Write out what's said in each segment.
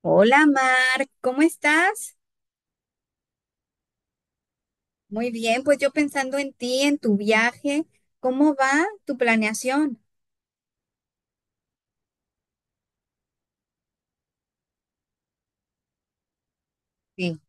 Hola Mar, ¿cómo estás? Muy bien, pues yo pensando en ti, en tu viaje, ¿cómo va tu planeación? Sí.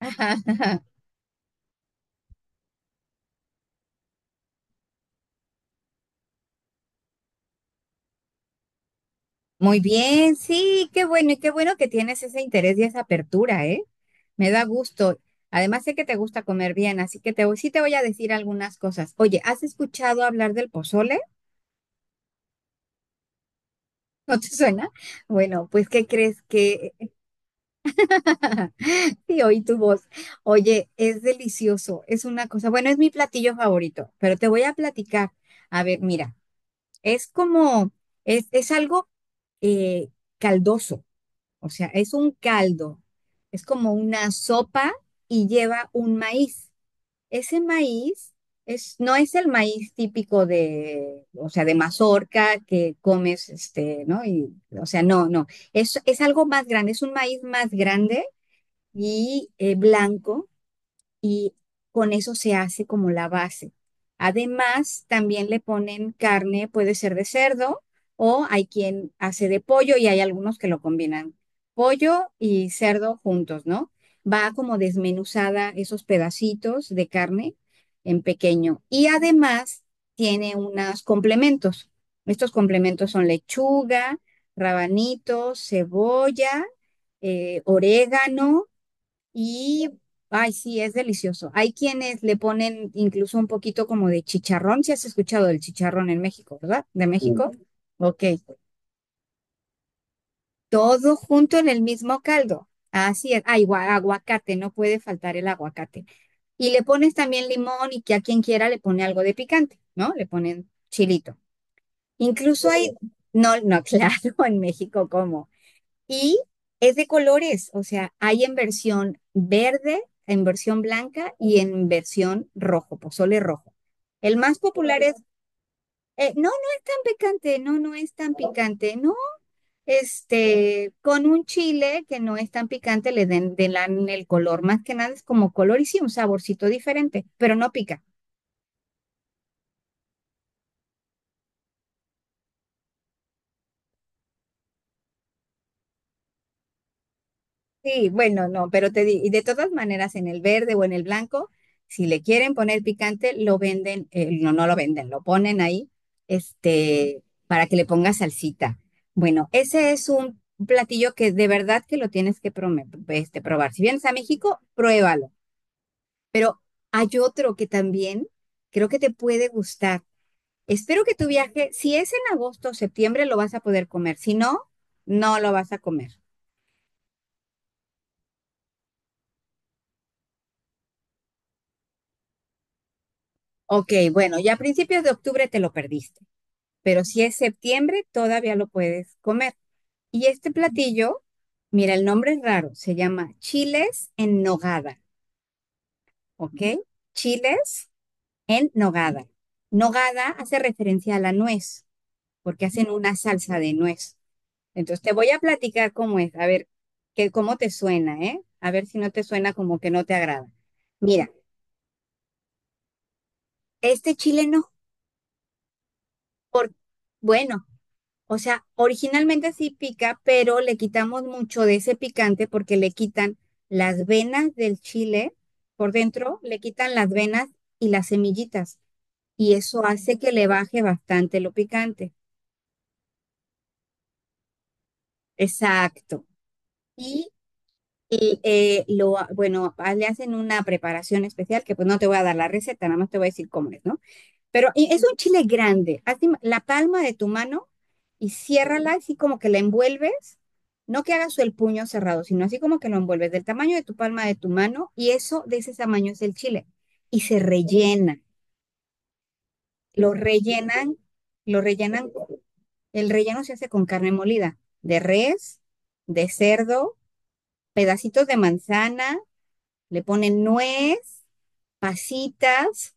Ajá, ajá. Muy bien, sí, qué bueno y qué bueno que tienes ese interés y esa apertura, ¿eh? Me da gusto. Además sé que te gusta comer bien, así que te voy, sí te voy a decir algunas cosas. Oye, ¿has escuchado hablar del pozole? ¿No te suena? Bueno, pues ¿qué crees que sí, oí tu voz? Oye, es delicioso, es una cosa, bueno, es mi platillo favorito, pero te voy a platicar. A ver, mira, es como, es algo eh, caldoso, o sea, es un caldo, es como una sopa y lleva un maíz. Ese maíz es, no es el maíz típico de, o sea, de mazorca que comes, este, ¿no? Y, o sea, no, no, es algo más grande, es un maíz más grande y blanco y con eso se hace como la base. Además, también le ponen carne, puede ser de cerdo o hay quien hace de pollo y hay algunos que lo combinan, pollo y cerdo juntos, ¿no? Va como desmenuzada esos pedacitos de carne en pequeño y además tiene unos complementos. Estos complementos son lechuga, rabanitos, cebolla, orégano y, ay, sí, es delicioso. Hay quienes le ponen incluso un poquito como de chicharrón, si has escuchado del chicharrón en México, ¿verdad? De sí. México. Ok. Todo junto en el mismo caldo. Así es. Ay, gua- aguacate, no puede faltar el aguacate. Y le pones también limón y que a quien quiera le pone algo de picante, ¿no? Le ponen chilito. Incluso hay, no, no, claro, en México, ¿cómo? Y es de colores, o sea, hay en versión verde, en versión blanca y en versión rojo, pozole rojo. El más popular es, no, no es tan picante, no, no es tan picante, no. Este, con un chile que no es tan picante, le den, den el color, más que nada es como color y sí, un saborcito diferente, pero no pica. Sí, bueno, no, pero te di- y de todas maneras en el verde o en el blanco, si le quieren poner picante, lo venden, no, no lo venden, lo ponen ahí, este, para que le ponga salsita. Bueno, ese es un platillo que de verdad que lo tienes que prome- este, probar. Si vienes a México, pruébalo. Pero hay otro que también creo que te puede gustar. Espero que tu viaje, si es en agosto o septiembre, lo vas a poder comer. Si no, no lo vas a comer. Ok, bueno, ya a principios de octubre te lo perdiste, pero si es septiembre todavía lo puedes comer. Y este platillo, mira, el nombre es raro, se llama chiles en nogada, ¿ok? Chiles en nogada. Nogada hace referencia a la nuez, porque hacen una salsa de nuez. Entonces te voy a platicar cómo es, a ver que, cómo te suena, ¿eh? A ver si no te suena como que no te agrada. Mira, este chile no, por, bueno. O sea, originalmente sí pica, pero le quitamos mucho de ese picante porque le quitan las venas del chile por dentro, le quitan las venas y las semillitas. Y eso hace que le baje bastante lo picante. Exacto. Y bueno, ah, le hacen una preparación especial que pues no te voy a dar la receta, nada más te voy a decir cómo es, ¿no? Pero y es un chile grande. Haz im- la palma de tu mano y ciérrala así como que la envuelves. No que hagas el puño cerrado, sino así como que lo envuelves del tamaño de tu palma de tu mano y eso de ese tamaño es el chile. Y se rellena. Lo rellenan, lo rellenan. El relleno se hace con carne molida, de res, de cerdo, pedacitos de manzana, le ponen nuez, pasitas.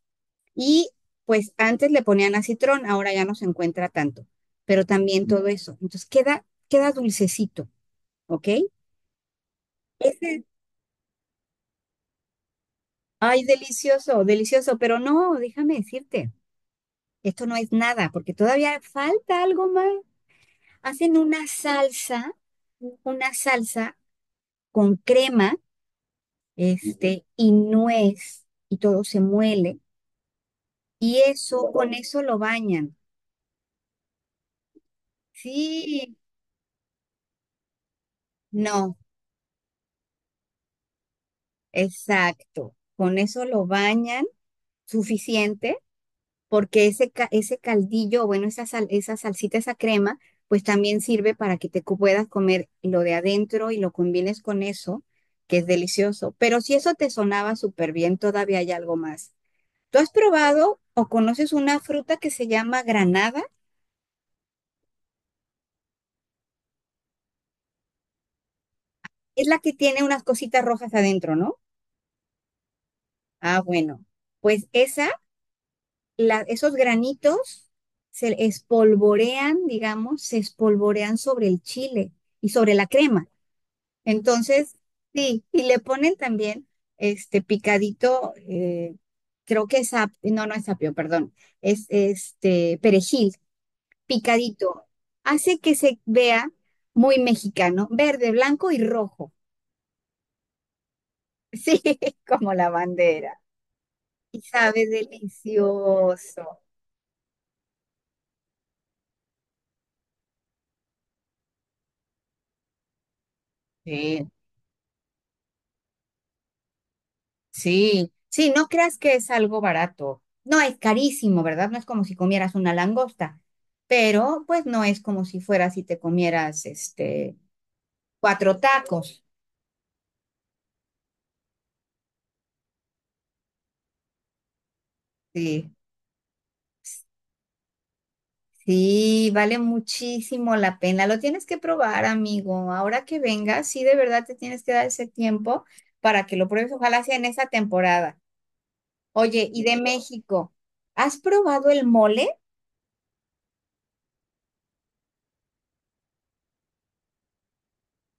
Y pues antes le ponían acitrón, ahora ya no se encuentra tanto, pero también todo eso. Entonces queda, queda dulcecito, ¿ok? Ese, ay, delicioso, delicioso, pero no, déjame decirte, esto no es nada, porque todavía falta algo más. Hacen una salsa con crema, este, y nuez, y todo se muele, y eso, con eso lo bañan. Sí, no, exacto, con eso lo bañan suficiente porque ese, ca- ese caldillo, bueno, esa sal- esa salsita, esa crema, pues también sirve para que te co- puedas comer lo de adentro y lo combines con eso, que es delicioso. Pero si eso te sonaba súper bien, todavía hay algo más. ¿Tú has probado o conoces una fruta que se llama granada? Es la que tiene unas cositas rojas adentro, ¿no? Ah, bueno, pues esa, la- esos granitos se espolvorean, digamos, se espolvorean sobre el chile y sobre la crema. Entonces, sí, y le ponen también este picadito, creo que es ap- no, no es apio, perdón, es este perejil picadito. Hace que se vea muy mexicano, verde, blanco y rojo. Sí, como la bandera. Y sabe delicioso. Sí, sí, sí, no creas que es algo barato. No, es carísimo, ¿verdad? No es como si comieras una langosta, pero pues no es como si fueras y te comieras este cuatro tacos. Sí, sí, vale muchísimo la pena. Lo tienes que probar, amigo. Ahora que vengas, sí, de verdad te tienes que dar ese tiempo para que lo pruebes. Ojalá sea en esa temporada. Oye, y de México, ¿has probado el mole?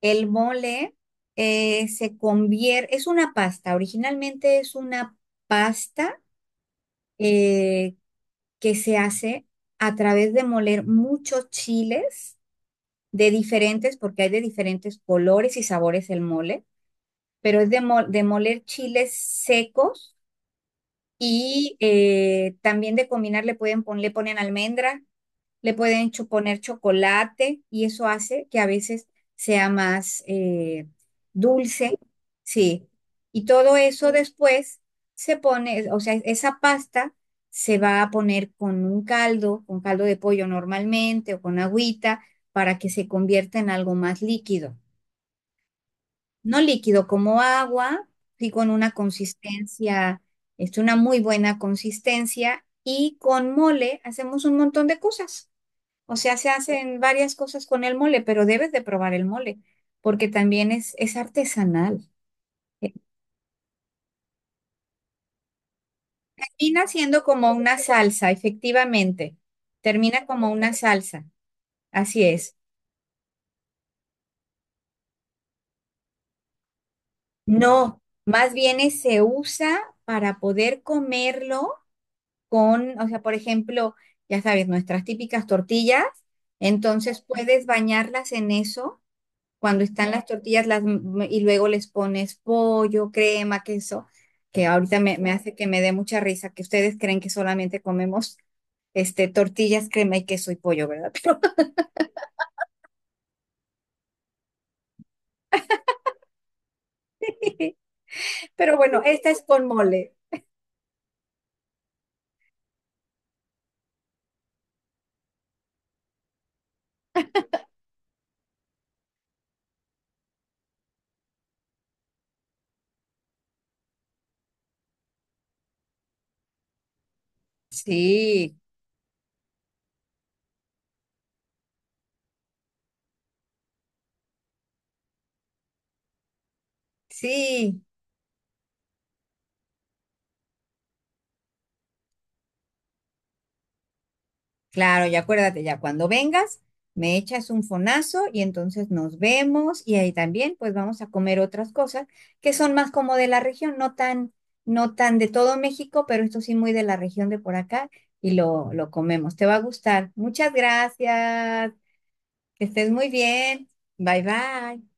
El mole se convierte, es una pasta, originalmente es una pasta eh, que se hace a través de moler muchos chiles de diferentes, porque hay de diferentes colores y sabores el mole, pero es de, mo- de moler chiles secos y también de combinar le pueden pon- le ponen almendra, le pueden cho- poner chocolate y eso hace que a veces sea más dulce, sí. Y todo eso después se pone, o sea, esa pasta se va a poner con un caldo, con caldo de pollo normalmente o con agüita para que se convierta en algo más líquido. No líquido como agua, sí con una consistencia, es una muy buena consistencia y con mole hacemos un montón de cosas. O sea, se hacen varias cosas con el mole, pero debes de probar el mole, porque también es artesanal. Eh, Termina siendo como una salsa, efectivamente. Termina como una salsa, así es. No, más bien es- se usa para poder comerlo con, o sea, por ejemplo, ya sabes, nuestras típicas tortillas, entonces puedes bañarlas en eso cuando están las tortillas las, y luego les pones pollo, crema, queso, que ahorita me, me hace que me dé mucha risa, que ustedes creen que solamente comemos este, tortillas, crema y queso y pollo, ¿verdad? Pero, pero bueno, esta es con mole. Sí, sí. Claro, ya acuérdate, ya cuando vengas, me echas un fonazo y entonces nos vemos y ahí también pues vamos a comer otras cosas que son más como de la región, no tan, no tan de todo México, pero esto sí muy de la región de por acá y lo comemos. Te va a gustar. Muchas gracias. Que estés muy bien. Bye bye.